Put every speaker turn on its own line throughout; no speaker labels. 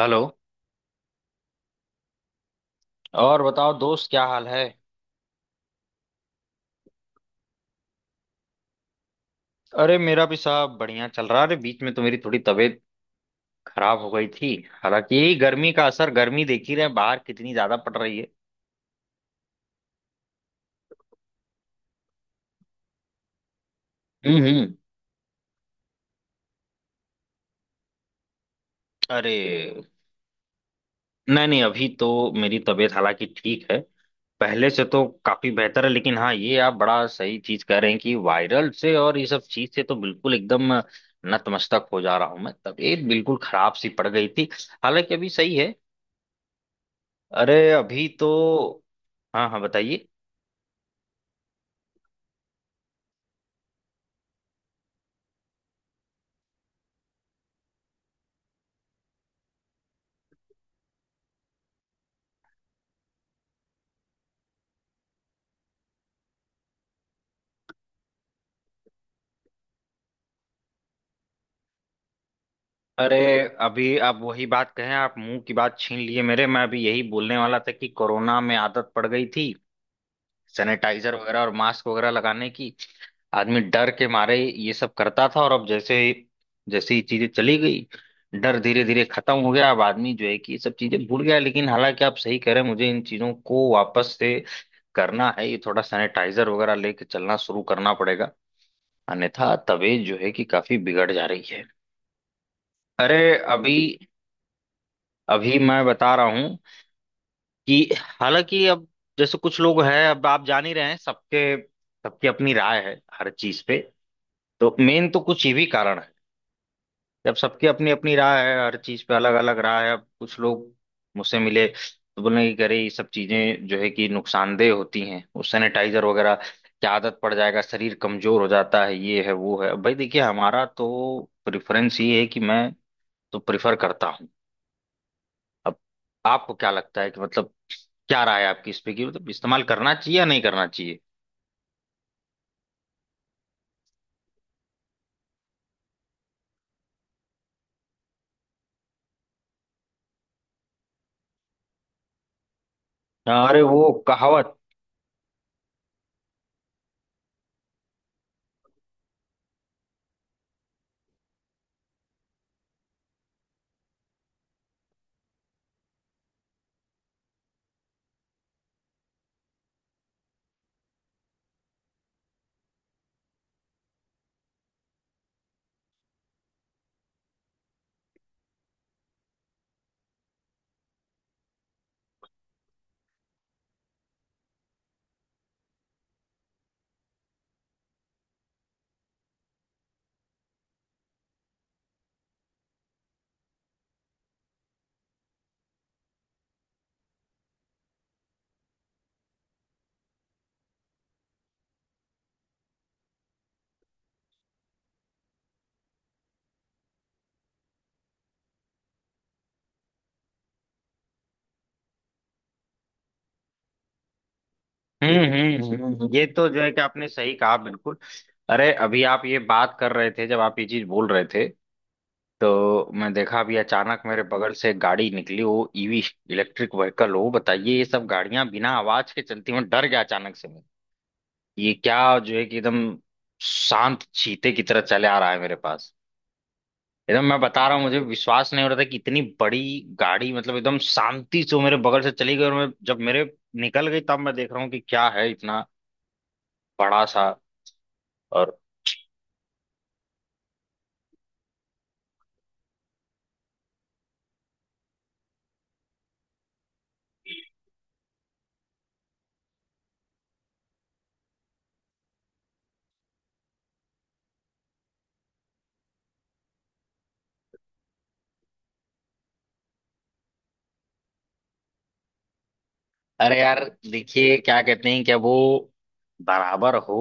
Hello. और बताओ दोस्त, क्या हाल है? अरे, मेरा भी साहब बढ़िया चल रहा है। अरे, बीच में तो मेरी थोड़ी तबीयत खराब हो गई थी। हालांकि यही गर्मी का असर। गर्मी देख ही रहे हैं, बाहर कितनी ज्यादा पड़ रही है। हम्म हम्म। अरे, नहीं नहीं, अभी तो मेरी तबीयत हालांकि ठीक है। पहले से तो काफी बेहतर है, लेकिन हाँ, ये आप बड़ा सही चीज कह रहे हैं कि वायरल से और ये सब चीज से तो बिल्कुल एकदम नतमस्तक हो जा रहा हूं मैं। तबीयत बिल्कुल खराब सी पड़ गई थी। हालांकि अभी सही है। अरे अभी तो हाँ हाँ, बताइए। अरे, अभी आप वही बात कहें, आप मुंह की बात छीन लिए मेरे। मैं अभी यही बोलने वाला था कि कोरोना में आदत पड़ गई थी सैनिटाइजर वगैरह और मास्क वगैरह लगाने की। आदमी डर के मारे ये सब करता था, और अब जैसे जैसे ही चीजें चली गई, डर धीरे धीरे खत्म हो गया। अब आदमी जो है कि ये सब चीजें भूल गया है। लेकिन हालांकि आप सही कह रहे हैं, मुझे इन चीजों को वापस से करना है। ये थोड़ा सैनिटाइजर वगैरह लेके चलना शुरू करना पड़ेगा, अन्यथा तबीयत जो है कि काफी बिगड़ जा रही है। अरे अभी अभी मैं बता रहा हूँ कि हालांकि अब जैसे कुछ लोग हैं, अब आप जान ही रहे हैं, सबके सबकी अपनी राय है हर चीज पे। तो मेन तो कुछ ये भी कारण है। जब सबकी अपनी अपनी राय है, हर चीज पे अलग अलग राय है। अब कुछ लोग मुझसे मिले तो बोले कि अरे ये सब चीजें जो है कि नुकसानदेह होती हैं, वो सैनिटाइजर वगैरह की आदत पड़ जाएगा, शरीर कमजोर हो जाता है, ये है वो है। अब भाई देखिए, हमारा तो प्रेफरेंस ये है कि मैं तो प्रिफर करता हूँ। अब आपको क्या लगता है कि मतलब क्या राय है आपकी इस पे, कि मतलब इस्तेमाल करना चाहिए या नहीं करना चाहिए? अरे वो कहावत। ये तो जो है कि आपने सही कहा, बिल्कुल। अरे, अभी आप ये बात कर रहे थे, जब आप ये चीज बोल रहे थे तो मैं देखा अभी अचानक मेरे बगल से एक गाड़ी निकली, वो ईवी, इलेक्ट्रिक व्हीकल हो, बताइए। ये सब गाड़ियां बिना आवाज के चलती हैं। मैं डर गया अचानक से। मैं, ये क्या जो है कि एकदम शांत चीते की तरह चले आ रहा है मेरे पास। एकदम मैं बता रहा हूँ, मुझे विश्वास नहीं हो रहा था कि इतनी बड़ी गाड़ी मतलब एकदम शांति से वो मेरे बगल से चली गई, और मैं जब मेरे निकल गई तब मैं देख रहा हूँ कि क्या है, इतना बड़ा सा। और अरे यार, देखिए, क्या कहते हैं, क्या वो बराबर हो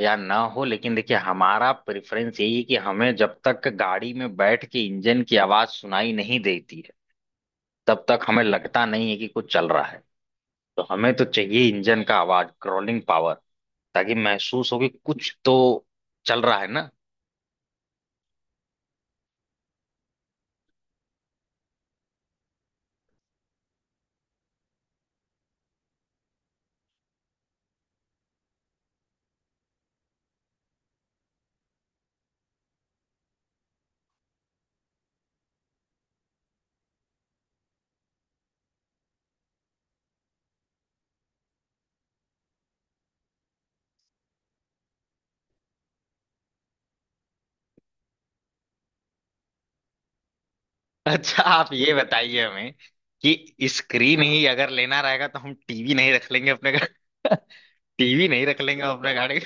या ना हो, लेकिन देखिए हमारा प्रेफरेंस यही है कि हमें जब तक गाड़ी में बैठ के इंजन की आवाज सुनाई नहीं देती है, तब तक हमें लगता नहीं है कि कुछ चल रहा है। तो हमें तो चाहिए इंजन का आवाज, क्रॉलिंग पावर, ताकि महसूस हो कि कुछ तो चल रहा है ना। अच्छा आप ये बताइए हमें कि स्क्रीन ही अगर लेना रहेगा तो हम टीवी नहीं रख लेंगे अपने घर? टीवी नहीं रख लेंगे अपने गाड़ी?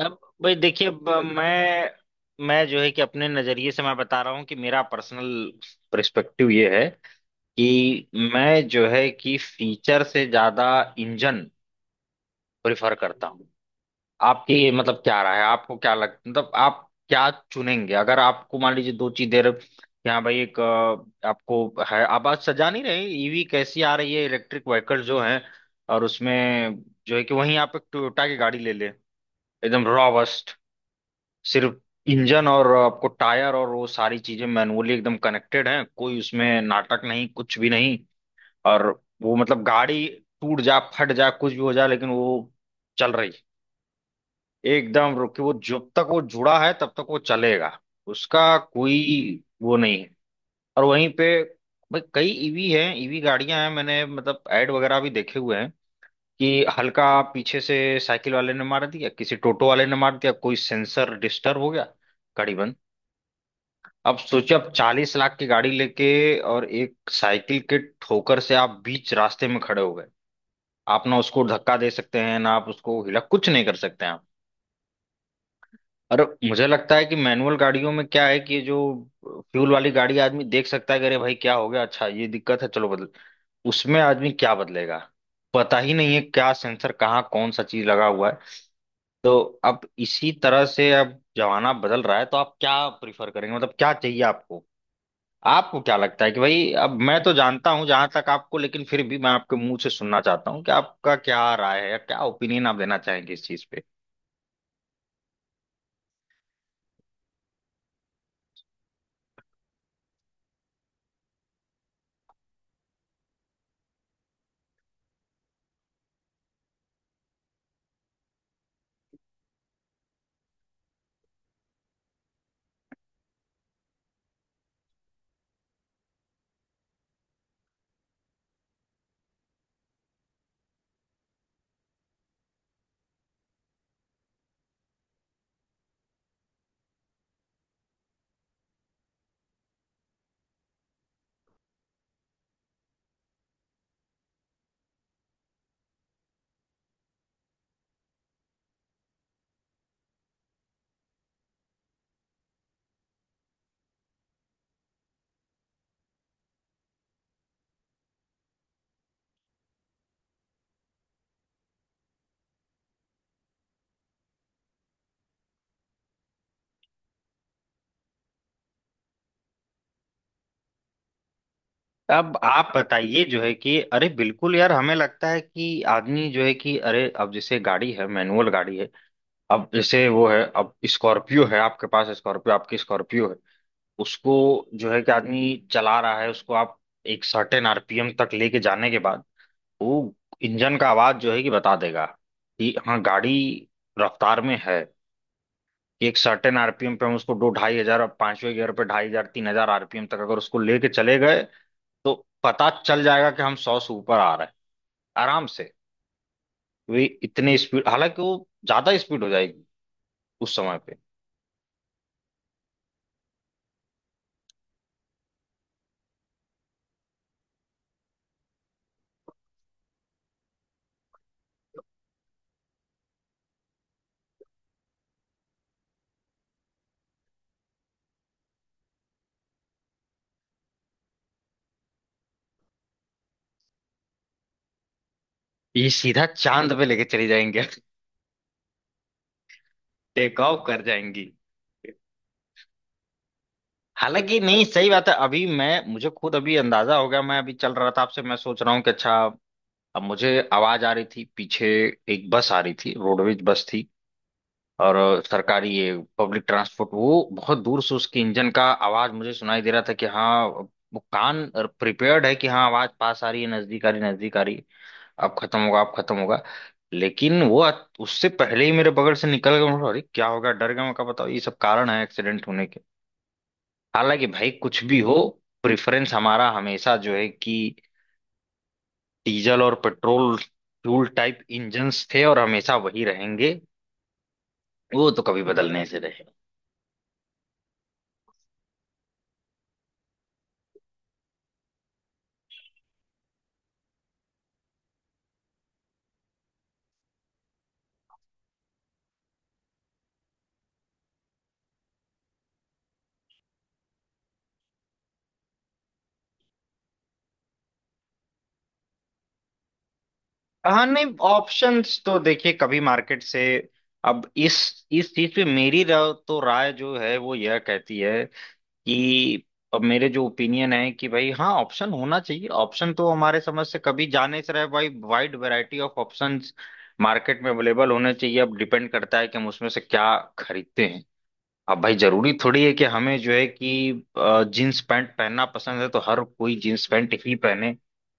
अब भाई देखिए, अब मैं जो है कि अपने नजरिए से मैं बता रहा हूँ कि मेरा पर्सनल पर्सपेक्टिव ये है कि मैं जो है कि फीचर से ज्यादा इंजन प्रेफर करता हूँ। आपकी मतलब क्या राय है, आपको क्या लग मतलब आप क्या चुनेंगे अगर आपको मान लीजिए दो चीजें कि हाँ भाई, एक आपको है, आप आज सजा नहीं रहे ईवी कैसी आ रही है, इलेक्ट्रिक व्हीकल जो है, और उसमें जो है कि, वहीं आप एक टोयोटा की गाड़ी ले ले एकदम रॉबस्ट, सिर्फ इंजन। और आपको टायर और वो सारी चीजें मैनुअली एकदम कनेक्टेड हैं, कोई उसमें नाटक नहीं, कुछ भी नहीं। और वो मतलब गाड़ी टूट जा, फट जा, कुछ भी हो जा, लेकिन वो चल रही है एकदम। रुक के, वो जब तक वो जुड़ा है तब तक वो चलेगा, उसका कोई वो नहीं है। और वहीं पे भाई कई ईवी गाड़ियां हैं, मैंने मतलब ऐड वगैरह भी देखे हुए हैं कि हल्का पीछे से साइकिल वाले ने मार दिया, किसी टोटो वाले ने मार दिया, कोई सेंसर डिस्टर्ब हो गया, गाड़ी बंद। अब सोचिए आप 40 लाख की गाड़ी लेके और एक साइकिल के ठोकर से आप बीच रास्ते में खड़े हो गए। आप ना उसको धक्का दे सकते हैं, ना आप उसको हिला, कुछ नहीं कर सकते हैं आप। और मुझे लगता है कि मैनुअल गाड़ियों में क्या है कि ये जो फ्यूल वाली गाड़ी आदमी देख सकता है कि अरे भाई क्या हो गया, अच्छा ये दिक्कत है, चलो बदल। उसमें आदमी क्या बदलेगा, पता ही नहीं है क्या सेंसर कहाँ कौन सा चीज लगा हुआ है। तो अब इसी तरह से अब जमाना बदल रहा है, तो आप क्या प्रिफर करेंगे, मतलब क्या चाहिए आपको? आपको क्या लगता है कि भाई? अब मैं तो जानता हूं जहां तक आपको, लेकिन फिर भी मैं आपके मुंह से सुनना चाहता हूँ कि आपका क्या राय है, या क्या ओपिनियन आप देना चाहेंगे इस चीज पे। अब आप बताइए, जो है कि अरे बिल्कुल यार, हमें लगता है कि आदमी जो है कि, अरे, अब जैसे गाड़ी है, मैनुअल गाड़ी है। अब जैसे, वो है, अब स्कॉर्पियो है आपके पास, स्कॉर्पियो, आपकी स्कॉर्पियो है उसको, जो है कि आदमी चला रहा है उसको, आप एक सर्टेन आरपीएम तक लेके जाने के बाद वो इंजन का आवाज जो है कि बता देगा कि हाँ, गाड़ी रफ्तार में है। कि एक सर्टेन आरपीएम पे हम उसको 2-2.5 हज़ार, 5वें गियर पे 2,500, 3,000 आरपीएम तक अगर उसको लेके चले गए, तो पता चल जाएगा कि हम 100 से ऊपर आ रहे हैं आराम से। वे इतने स्पीड, हालांकि वो ज्यादा स्पीड हो जाएगी उस समय पे। ये सीधा चांद पे लेके चली जाएंगे। टेक ऑफ कर जाएंगी। हालांकि नहीं, सही बात है, अभी मैं मुझे खुद अभी अंदाजा हो गया। मैं अभी चल रहा था आपसे, मैं सोच रहा हूँ कि अच्छा, अब मुझे आवाज आ रही थी पीछे, एक बस आ रही थी, रोडवेज बस थी। और सरकारी ये पब्लिक ट्रांसपोर्ट, वो बहुत दूर से उसके इंजन का आवाज मुझे सुनाई दे रहा था कि हाँ वो, कान प्रिपेयर्ड है कि हाँ, आवाज पास आ रही है, नजदीक आ रही है, नजदीक आ रही है, अब खत्म होगा, अब खत्म होगा। लेकिन वो उससे पहले ही मेरे बगल से निकल गया। मैं बोला, अरे क्या होगा, डर गया मैं। कहा, बताओ, ये सब कारण है एक्सीडेंट होने के। हालांकि भाई कुछ भी हो, प्रेफरेंस हमारा हमेशा जो है कि डीजल और पेट्रोल फ्यूल टाइप इंजन्स थे, और हमेशा वही रहेंगे। वो तो कभी बदलने से रहे। हाँ नहीं, ऑप्शंस तो देखिए कभी मार्केट से, अब इस चीज पे मेरी राय, तो राय जो है वो यह कहती है कि, अब मेरे जो ओपिनियन है कि भाई हाँ, ऑप्शन होना चाहिए। ऑप्शन तो हमारे समझ से कभी जाने से रहे भाई। Wide variety of options market में अवेलेबल होने चाहिए। अब डिपेंड करता है कि हम उसमें से क्या खरीदते हैं। अब भाई, जरूरी थोड़ी है कि हमें जो है कि जींस पैंट पहनना पसंद है तो हर कोई जींस पैंट ही पहने,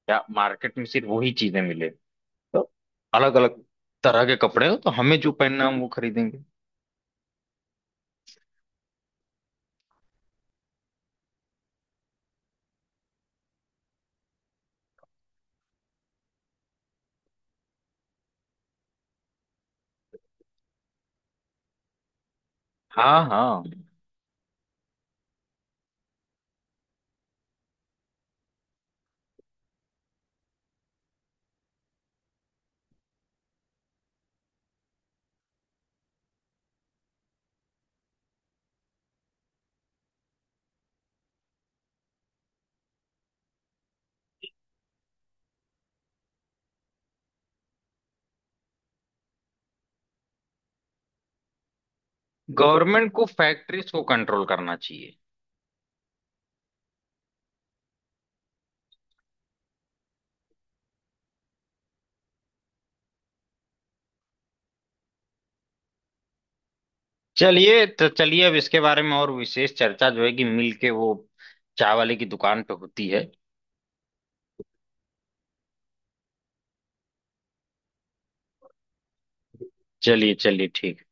या मार्केट में सिर्फ वही चीजें मिले। तो अलग अलग तरह के कपड़े हो, तो हमें जो पहनना है हम वो खरीदेंगे। हाँ हाँ, गवर्नमेंट को फैक्ट्रीज को कंट्रोल करना चाहिए। चलिए, तो चलिए अब इसके बारे में और विशेष चर्चा जो है कि मिल के, वो चाय वाले की दुकान पे होती है। चलिए चलिए, ठीक।